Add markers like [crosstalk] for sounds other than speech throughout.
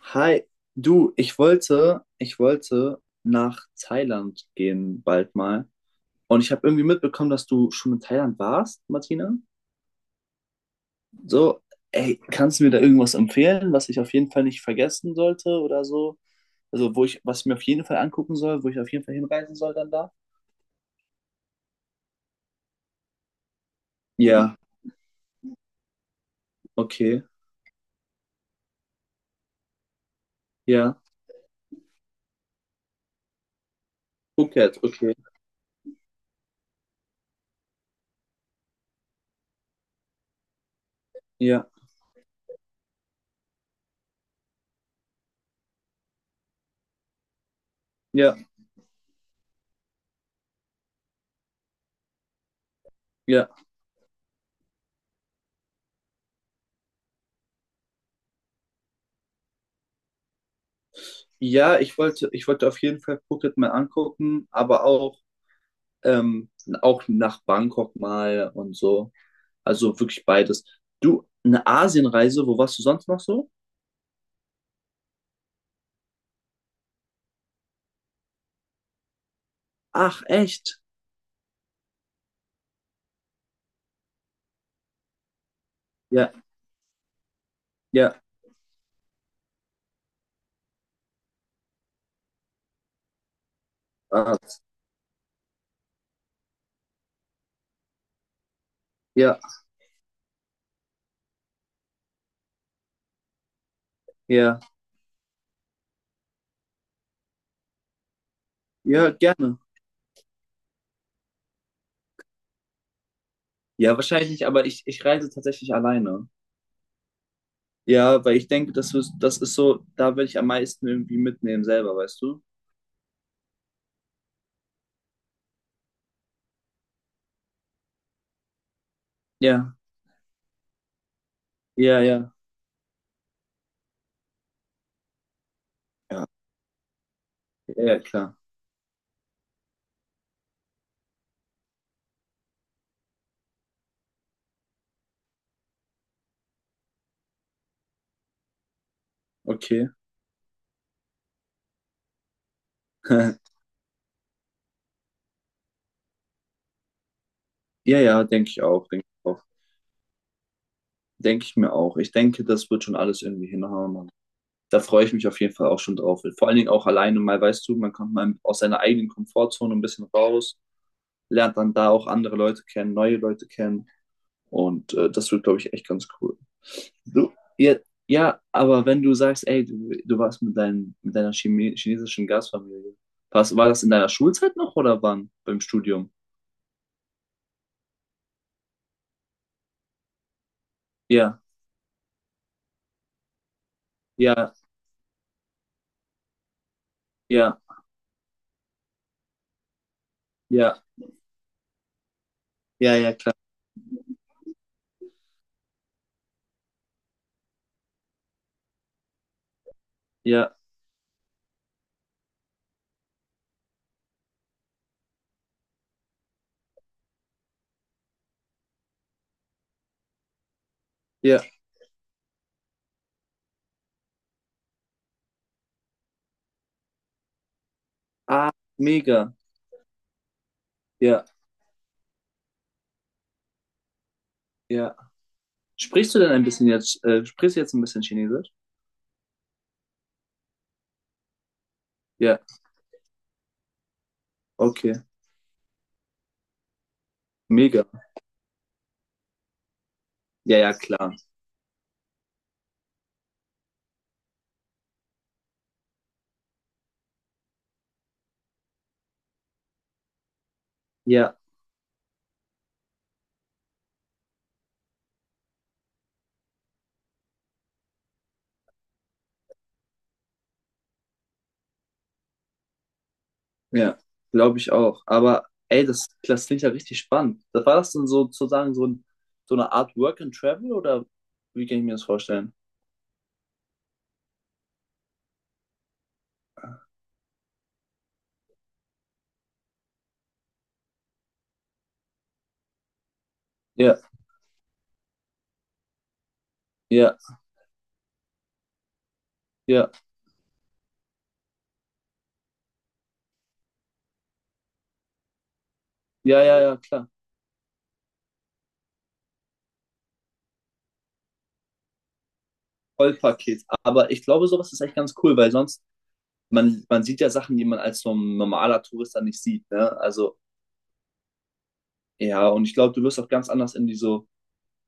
Hi, du, ich wollte nach Thailand gehen bald mal. Und ich habe irgendwie mitbekommen, dass du schon in Thailand warst, Martina. So, ey, kannst du mir da irgendwas empfehlen, was ich auf jeden Fall nicht vergessen sollte oder so? Also, wo ich, was ich mir auf jeden Fall angucken soll, wo ich auf jeden Fall hinreisen soll dann da? Ja, okay. Ja. Phuket, okay. Ja, ja, ja. Ja, ich wollte auf jeden Fall Phuket mal angucken, aber ähm, auch nach Bangkok mal und so. Also wirklich beides. Du, eine Asienreise, wo warst du sonst noch so? Ach, echt? Ja, ja, ah, ja, ja, ja, gerne. Ja, wahrscheinlich nicht, aber ich reise tatsächlich alleine. Ja, weil ich denke, das ist so, da will ich am meisten irgendwie mitnehmen selber, weißt du? Ja, ja, ja. Ja, ja, ja, klar. Okay. [laughs] Ja, ja, denke ich auch, denke ich auch. Denke ich mir auch. Ich denke, das wird schon alles irgendwie hinhauen. Da freue ich mich auf jeden Fall auch schon drauf. Vor allen Dingen auch alleine mal, weißt du, man kommt mal aus seiner eigenen Komfortzone ein bisschen raus, lernt dann da auch andere Leute kennen, neue Leute kennen. Und das wird, glaube ich, echt ganz cool. Du, ja, ja, aber wenn du sagst, ey, du warst mit deiner Chime chinesischen Gastfamilie, war das in deiner Schulzeit noch oder wann? Beim Studium? Ja, ja, ja, ja, ja, ja, klar. Ja, ja. Ah, mega. Ja, ja. Sprichst du denn ein bisschen jetzt, sprichst du jetzt ein bisschen Chinesisch? Ja, okay. Mega. Ja, ja, klar. Ja, ja, glaube ich auch. Aber ey, das klingt ja richtig spannend. Das war das denn so, sozusagen so eine Art Work and Travel oder wie kann ich mir das vorstellen? Ja, ja, ja, ja, ja, ja, klar. Vollpaket. Aber ich glaube, sowas ist echt ganz cool, weil sonst, man sieht ja Sachen, die man als so ein normaler Tourist dann nicht sieht, ne? Also, ja, und ich glaube, du wirst auch ganz anders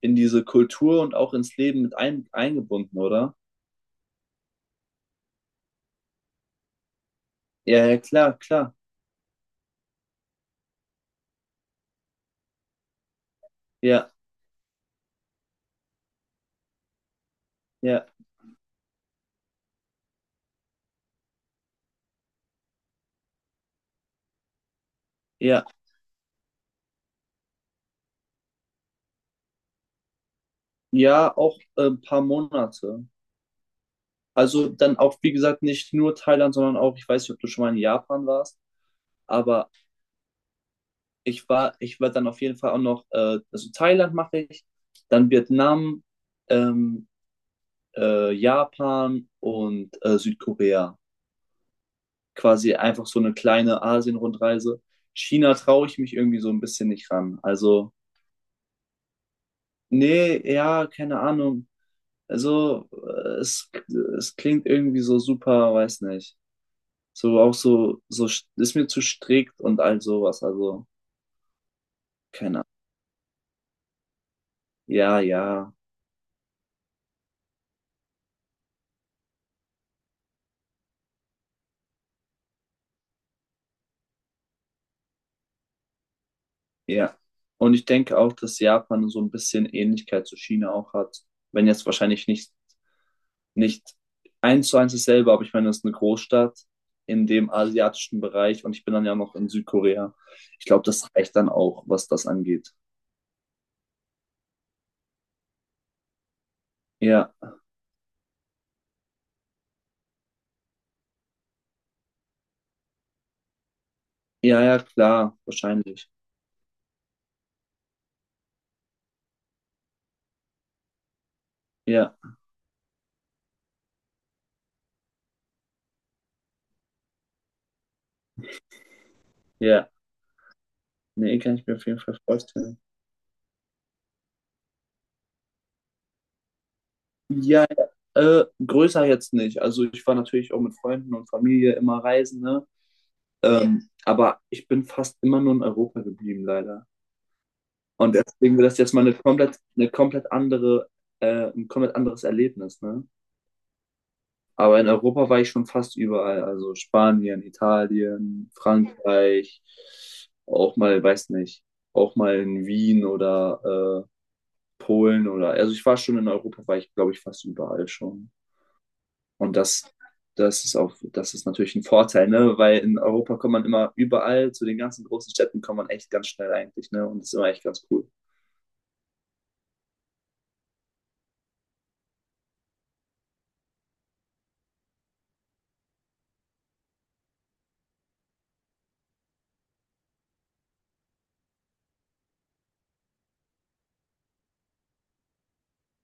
in diese Kultur und auch ins Leben eingebunden, oder? Ja, ja, klar, klar. Ja, ja. Ja, ja, auch ein paar Monate. Also dann auch, wie gesagt, nicht nur Thailand, sondern auch, ich weiß nicht, ob du schon mal in Japan warst, aber ich war dann auf jeden Fall auch noch, also Thailand mache ich, dann Vietnam, ähm, Japan und Südkorea. Quasi einfach so eine kleine Asien-Rundreise. China traue ich mich irgendwie so ein bisschen nicht ran. Also, nee, ja, keine Ahnung. Also, es klingt irgendwie so super, weiß nicht. So auch so ist mir zu strikt und all sowas. Also, keine Ahnung. Ja, ja, ja. Und ich denke auch, dass Japan so ein bisschen Ähnlichkeit zu China auch hat. Wenn jetzt wahrscheinlich nicht eins zu eins dasselbe, aber ich meine, das ist eine Großstadt in dem asiatischen Bereich und ich bin dann ja noch in Südkorea. Ich glaube, das reicht dann auch, was das angeht. Ja, ja, ja, klar, wahrscheinlich. Ja, ja. Nee, kann ich mir auf jeden Fall vorstellen. Ja. Größer jetzt nicht. Also ich war natürlich auch mit Freunden und Familie immer reisen, ne? Ja. Aber ich bin fast immer nur in Europa geblieben, leider. Und deswegen wird das jetzt mal ein komplett anderes Erlebnis, ne? Aber in Europa war ich schon fast überall. Also Spanien, Italien, Frankreich, auch mal, weiß nicht, auch mal in Wien oder Polen oder, also ich war schon in Europa, war ich, glaube ich, fast überall schon. Und das ist natürlich ein Vorteil, ne? Weil in Europa kommt man immer überall, zu den ganzen großen Städten kommt man echt ganz schnell eigentlich, ne? Und das ist immer echt ganz cool.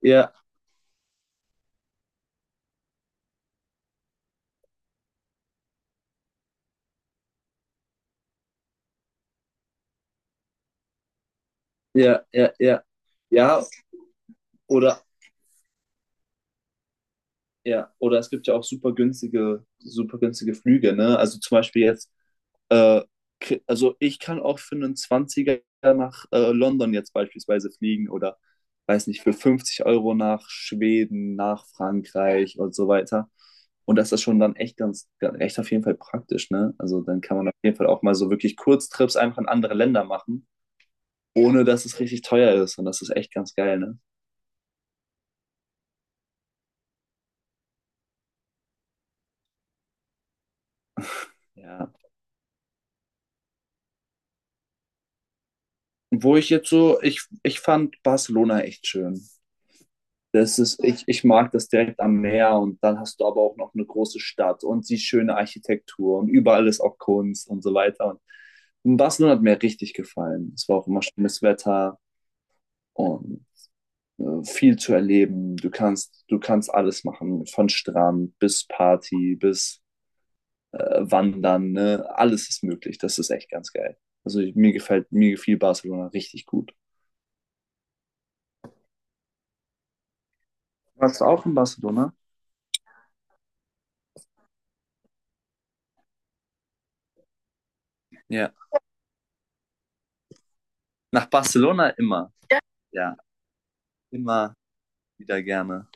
Ja, ja, ja, ja. Ja, oder ja, oder es gibt ja auch super günstige Flüge, ne? Also zum Beispiel jetzt Äh, also ich kann auch für einen Zwanziger nach London jetzt beispielsweise fliegen oder weiß nicht, für 50 € nach Schweden, nach Frankreich und so weiter. Und das ist schon dann echt auf jeden Fall praktisch, ne? Also dann kann man auf jeden Fall auch mal so wirklich Kurztrips einfach in andere Länder machen, ohne dass es richtig teuer ist. Und das ist echt ganz geil, ne? Ja. Wo ich jetzt so, ich fand Barcelona echt schön. Ich mag das direkt am Meer und dann hast du aber auch noch eine große Stadt und die schöne Architektur und überall ist auch Kunst und so weiter. Und Barcelona hat mir richtig gefallen. Es war auch immer schönes Wetter und viel zu erleben. Du kannst alles machen, von Strand bis Party, bis Wandern, ne? Alles ist möglich. Das ist echt ganz geil. Also mir gefällt, mir gefiel Barcelona richtig gut. Warst du auch in Barcelona? Ja. Nach Barcelona immer. Ja, immer wieder gerne.